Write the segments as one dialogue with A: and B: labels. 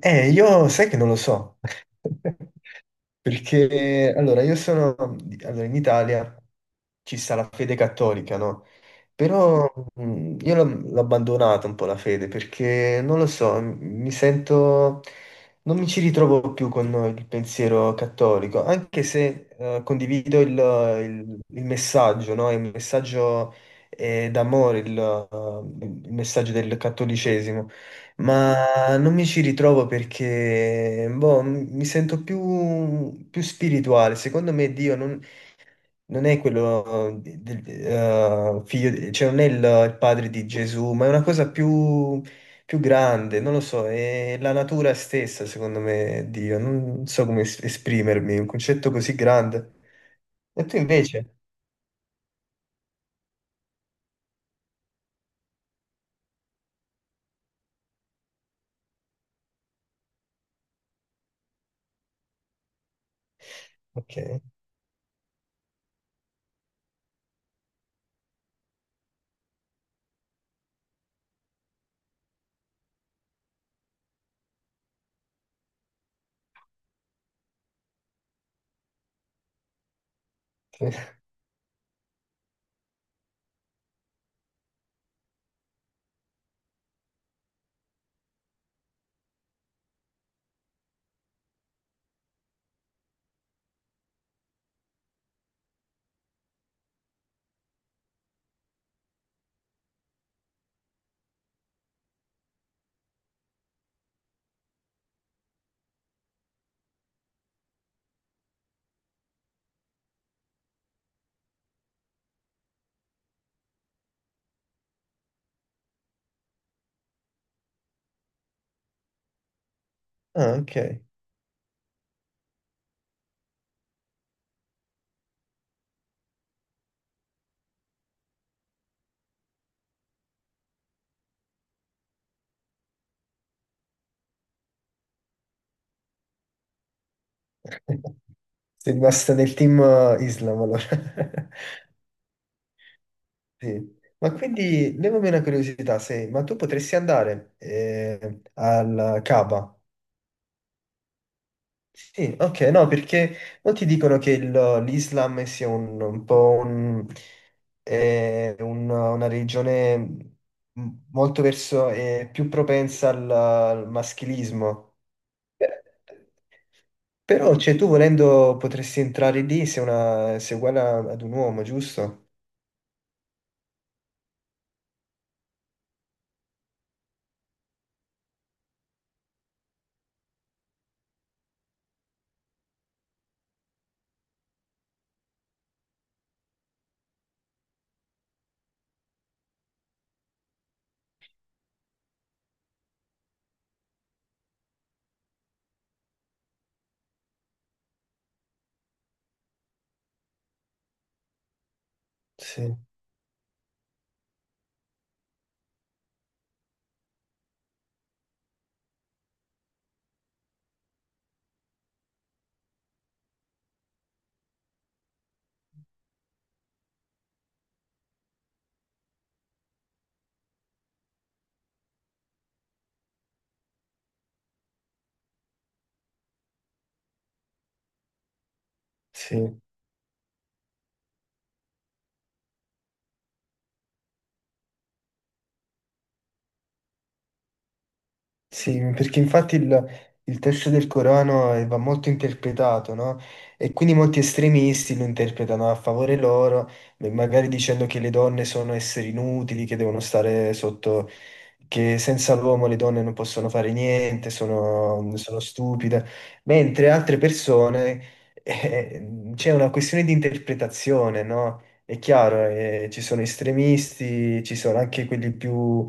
A: Io sai che non lo so, perché allora io sono, allora in Italia ci sta la fede cattolica, no? Però io l'ho abbandonata un po' la fede, perché non lo so, mi sento, non mi ci ritrovo più con il pensiero cattolico, anche se condivido il messaggio, no? Il messaggio d'amore, il messaggio del cattolicesimo. Ma non mi ci ritrovo perché boh, mi sento più spirituale. Secondo me Dio non è quello del figlio, cioè non è il padre di Gesù, ma è una cosa più grande, non lo so, è la natura stessa, secondo me, Dio. Non so come esprimermi, un concetto così grande. E tu invece? Ok. Ah, ok. Sei rimasta nel team Islam allora. Sì. Ma quindi levami una curiosità, se, ma tu potresti andare al Kaaba? Sì, ok, no, perché molti dicono che l'Islam sia un po' una religione molto verso, più propensa al maschilismo. Eh, Però, cioè, tu volendo potresti entrare lì se è uguale ad un uomo, giusto? Sì, sì. Sì, perché infatti il testo del Corano va molto interpretato, no? E quindi molti estremisti lo interpretano a favore loro, beh, magari dicendo che le donne sono esseri inutili, che devono stare sotto, che senza l'uomo le donne non possono fare niente, sono stupide, mentre altre persone, c'è una questione di interpretazione, no? È chiaro, ci sono estremisti, ci sono anche quelli più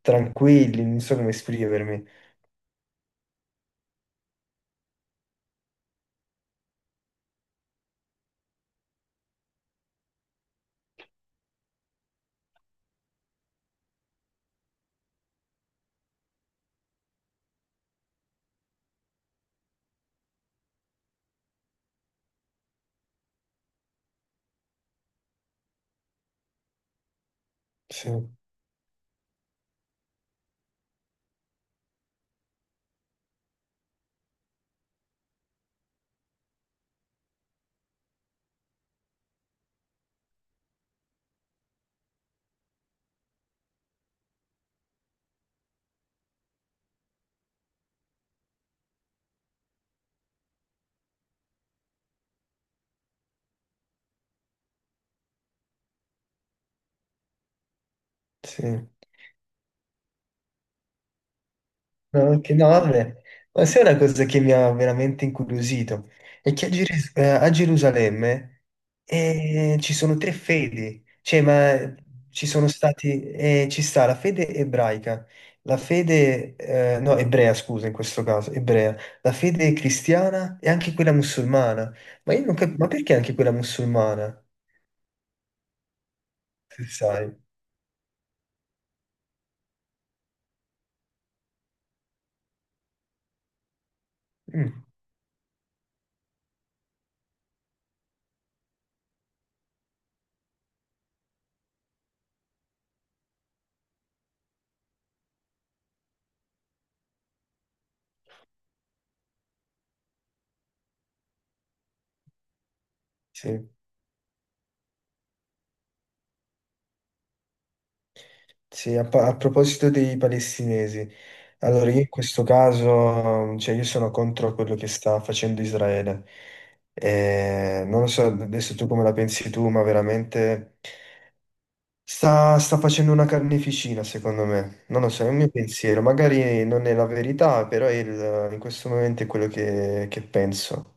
A: tranquilli, non so come esprimermi. Sì, sì. No, no, vabbè, ma sai una cosa che mi ha veramente incuriosito? È che a Gerusalemme ci sono tre fedi, cioè, ma ci sta la fede ebraica, la fede, no, ebrea, scusa, in questo caso, ebrea, la fede cristiana e anche quella musulmana. Ma io non capisco, ma perché anche quella musulmana? Se sai? Mm, sì. Sì, a proposito dei palestinesi, allora io in questo caso, cioè io sono contro quello che sta facendo Israele. Non lo so adesso tu come la pensi tu, ma veramente sta facendo una carneficina, secondo me. Non lo so, è un mio pensiero, magari non è la verità, però in questo momento è quello che penso.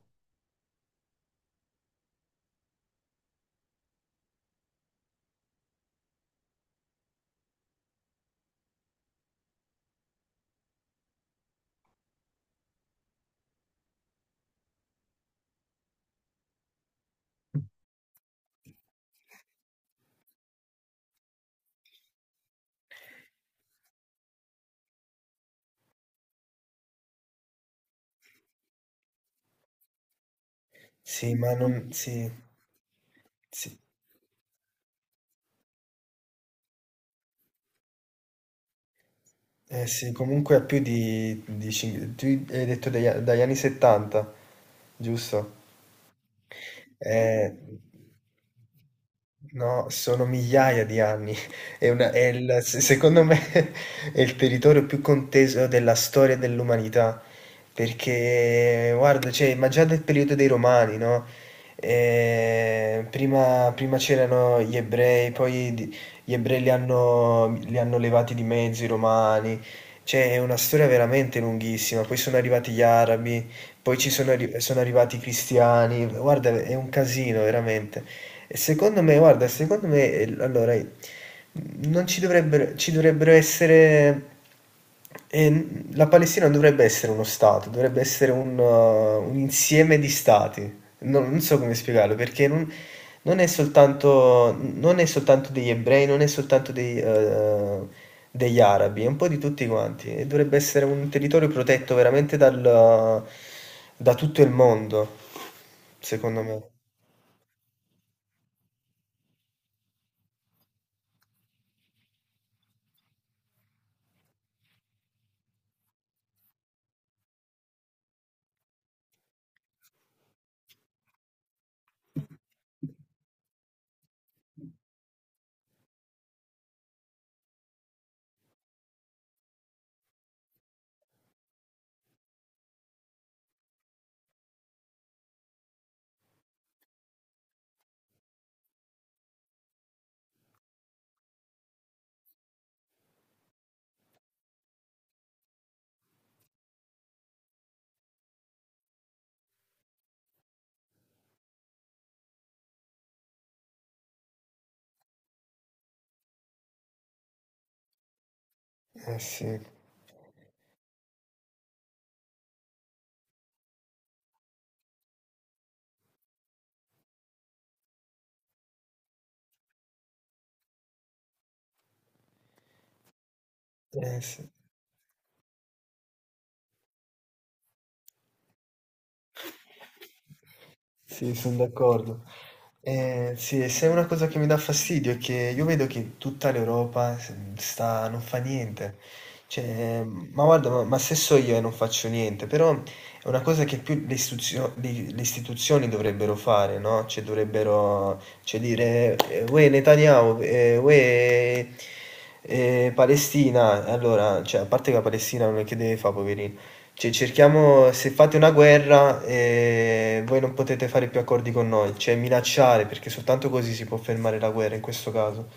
A: Sì, ma non. Sì, sì. Eh sì, comunque ha più di tu hai detto dagli anni 70, giusto? Eh, no, sono migliaia di anni. È una- è il- se- secondo me è il territorio più conteso della storia dell'umanità. Perché, guarda, cioè, ma già del periodo dei Romani, no? Prima c'erano gli ebrei, gli ebrei li hanno levati di mezzo i romani. Cioè, è una storia veramente lunghissima. Poi sono arrivati gli arabi. Poi sono arrivati i cristiani, guarda, è un casino veramente. E secondo me, guarda, secondo me, allora, non ci dovrebbero, ci dovrebbero essere, eh, la Palestina non dovrebbe essere uno Stato, dovrebbe essere un insieme di Stati. Non so come spiegarlo perché non è soltanto, non è soltanto degli ebrei, non è soltanto degli arabi, è un po' di tutti quanti e dovrebbe essere un territorio protetto veramente da tutto il mondo, secondo me. Eh sì, eh sì. Sì, sono d'accordo. Sì, se è una cosa che mi dà fastidio è che io vedo che tutta l'Europa sta, non fa niente. Cioè, ma guarda, ma se so io e non faccio niente, però è una cosa che più le istituzioni dovrebbero fare, no? Cioè, dovrebbero, cioè, dire, uè Netanyahu, uè Palestina. Allora, cioè, a parte che la Palestina non è che deve fare, poverina cioè, cerchiamo, se fate una guerra, voi non potete fare più accordi con noi, cioè minacciare, perché soltanto così si può fermare la guerra in questo caso.